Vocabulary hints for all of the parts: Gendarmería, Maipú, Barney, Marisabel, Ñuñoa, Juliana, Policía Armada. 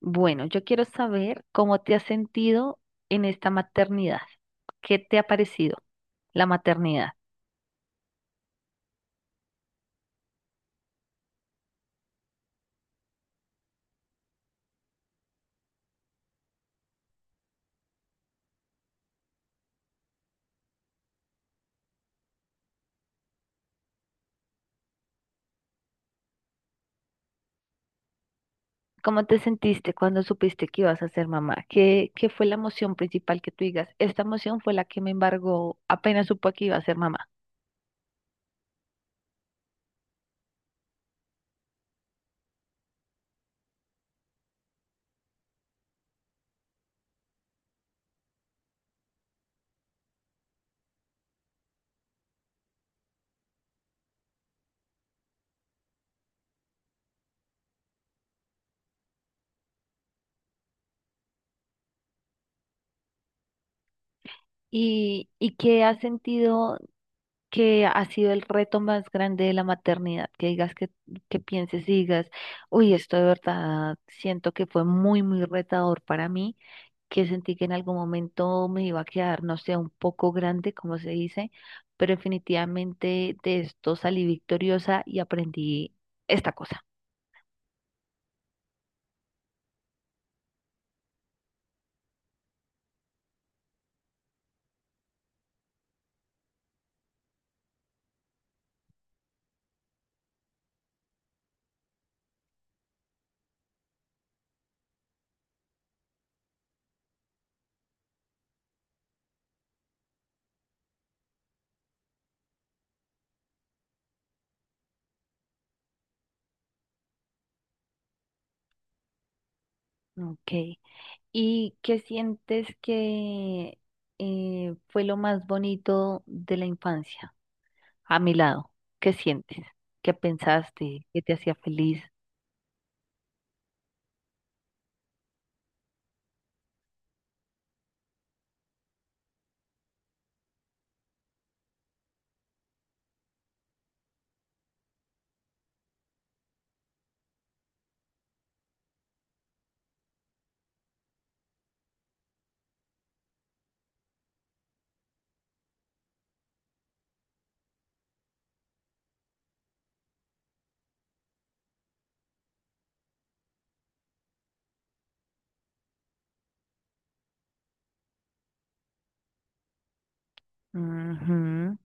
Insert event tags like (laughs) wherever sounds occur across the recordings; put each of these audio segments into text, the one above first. Bueno, yo quiero saber cómo te has sentido en esta maternidad. ¿Qué te ha parecido la maternidad? ¿Cómo te sentiste cuando supiste que ibas a ser mamá? ¿Qué fue la emoción principal que tú digas? Esta emoción fue la que me embargó apenas supo que iba a ser mamá. ¿Y qué has sentido que ha sido el reto más grande de la maternidad? Que digas que pienses y digas, uy, esto de verdad siento que fue muy, muy retador para mí, que sentí que en algún momento me iba a quedar, no sé, un poco grande, como se dice, pero definitivamente de esto salí victoriosa y aprendí esta cosa. Ok. ¿Y qué sientes que fue lo más bonito de la infancia a mi lado? ¿Qué sientes? ¿Qué pensaste? ¿Qué te hacía feliz? Ujú.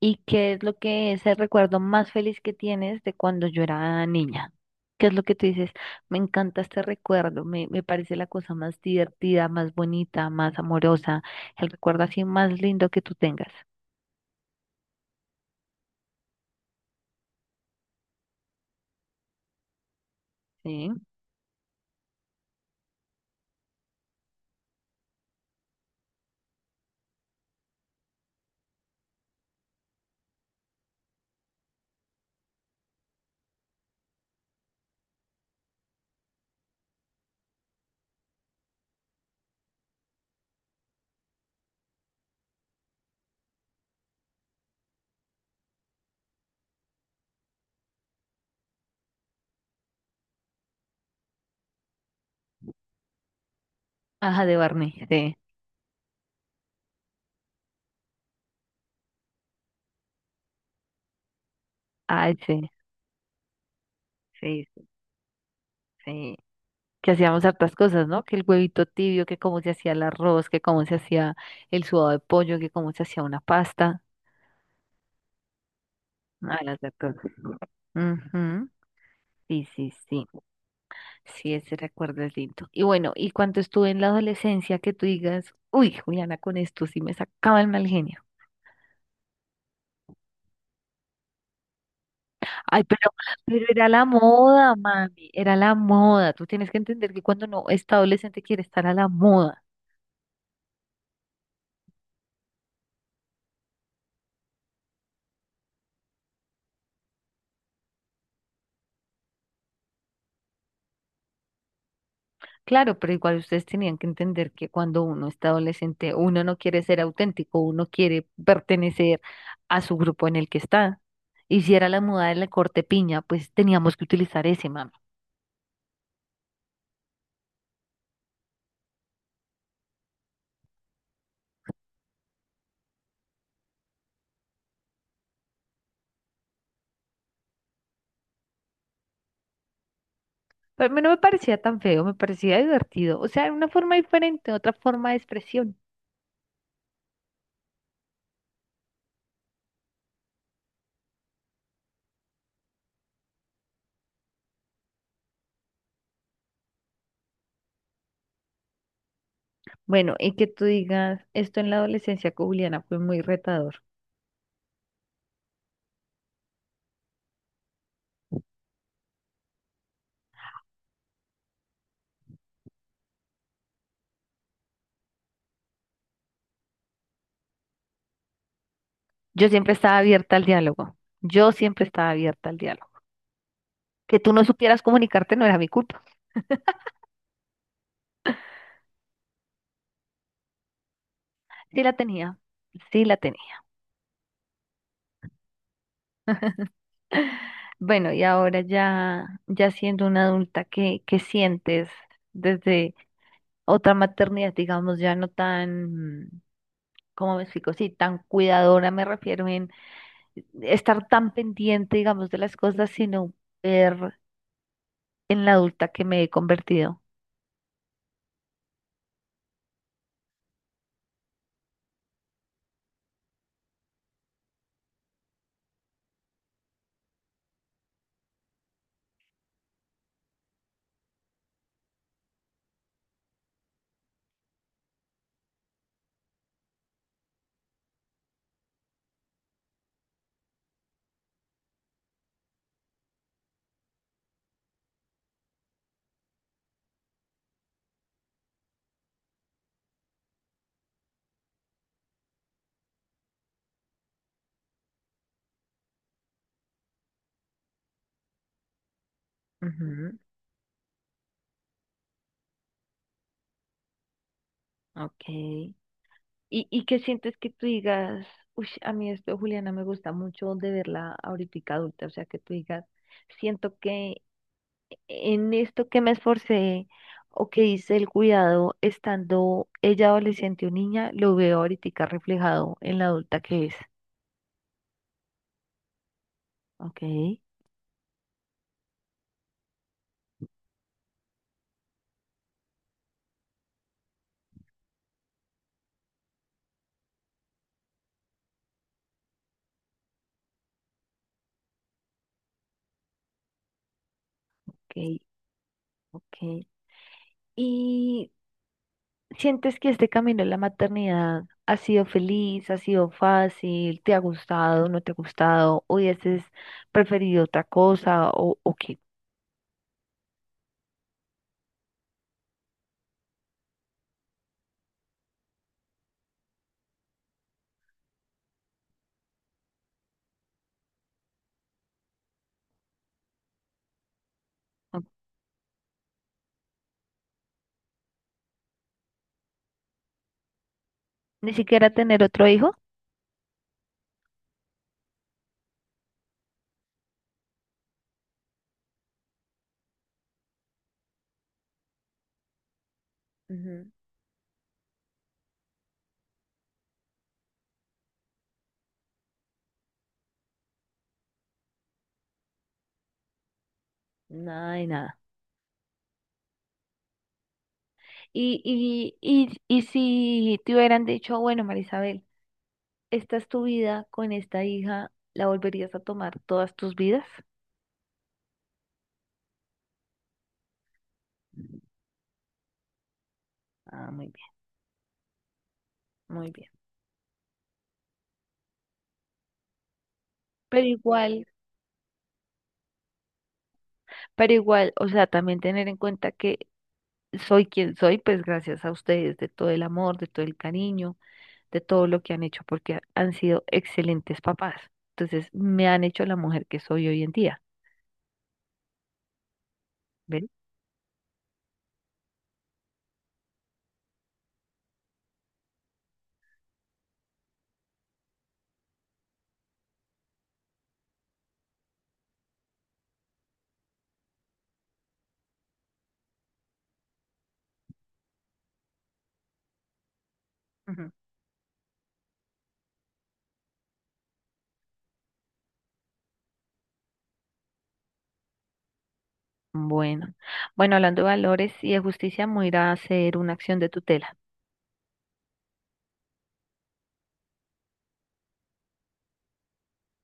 ¿Y qué es lo que es el recuerdo más feliz que tienes de cuando yo era niña? ¿Qué es lo que tú dices? Me encanta este recuerdo, me parece la cosa más divertida, más bonita, más amorosa, el recuerdo así más lindo que tú tengas. Sí. Ajá, de Barney, sí. Ay, sí, sí, sí. Sí. Que hacíamos hartas cosas, ¿no? Que el huevito tibio, que cómo se hacía el arroz, que cómo se hacía el sudado de pollo, que cómo se hacía una pasta. Ah, las de todo. Ujú. Sí, sí, sí. Sí, ese recuerdo es lindo. Y bueno, y cuando estuve en la adolescencia, que tú digas, uy, Juliana, con esto sí me sacaba el mal genio. Ay, pero era la moda, mami, era la moda. Tú tienes que entender que cuando uno está adolescente quiere estar a la moda. Claro, pero igual ustedes tenían que entender que cuando uno está adolescente, uno no quiere ser auténtico, uno quiere pertenecer a su grupo en el que está. Y si era la moda de la corte piña, pues teníamos que utilizar ese, mami. Pero a mí no me parecía tan feo, me parecía divertido. O sea, era una forma diferente, otra forma de expresión. Bueno, y que tú digas, esto en la adolescencia con Juliana fue muy retador. Yo siempre estaba abierta al diálogo. Yo siempre estaba abierta al diálogo. Que tú no supieras comunicarte no era mi culpa. Sí la tenía, sí la tenía. (laughs) Bueno, y ahora ya, ya siendo una adulta, ¿qué sientes desde otra maternidad, digamos, ya no tan, ¿cómo me explico? Sí, tan cuidadora, me refiero estar tan pendiente, digamos, de las cosas, sino ver en la adulta que me he convertido. Ujú, ok. ¿Y qué sientes que tú digas, uy, a mí esto, Juliana, me gusta mucho de verla ahorita adulta? O sea, que tú digas, siento que en esto que me esforcé o que hice el cuidado estando ella adolescente o niña, lo veo ahorita reflejado en la adulta que es. Ok, ok, ok. Y ¿sientes que este camino de la maternidad ha sido feliz, ha sido fácil, te ha gustado, no te ha gustado, o hubieses preferido otra cosa o qué? ¿O ¿ni siquiera tener otro hijo? Ujú. Nada de nada. Y si te hubieran dicho, bueno, Marisabel, esta es tu vida con esta hija, ¿la volverías a tomar todas tus vidas? Ah, muy. Muy bien. Pero igual, pero igual, o sea, también tener en cuenta que soy quien soy, pues gracias a ustedes, de todo el amor, de todo el cariño, de todo lo que han hecho, porque han sido excelentes papás. Entonces, me han hecho la mujer que soy hoy en día. ¿Ven? Ujú. Bueno, bueno, hablando de valores y de justicia, me voy a ir a hacer una acción de tutela.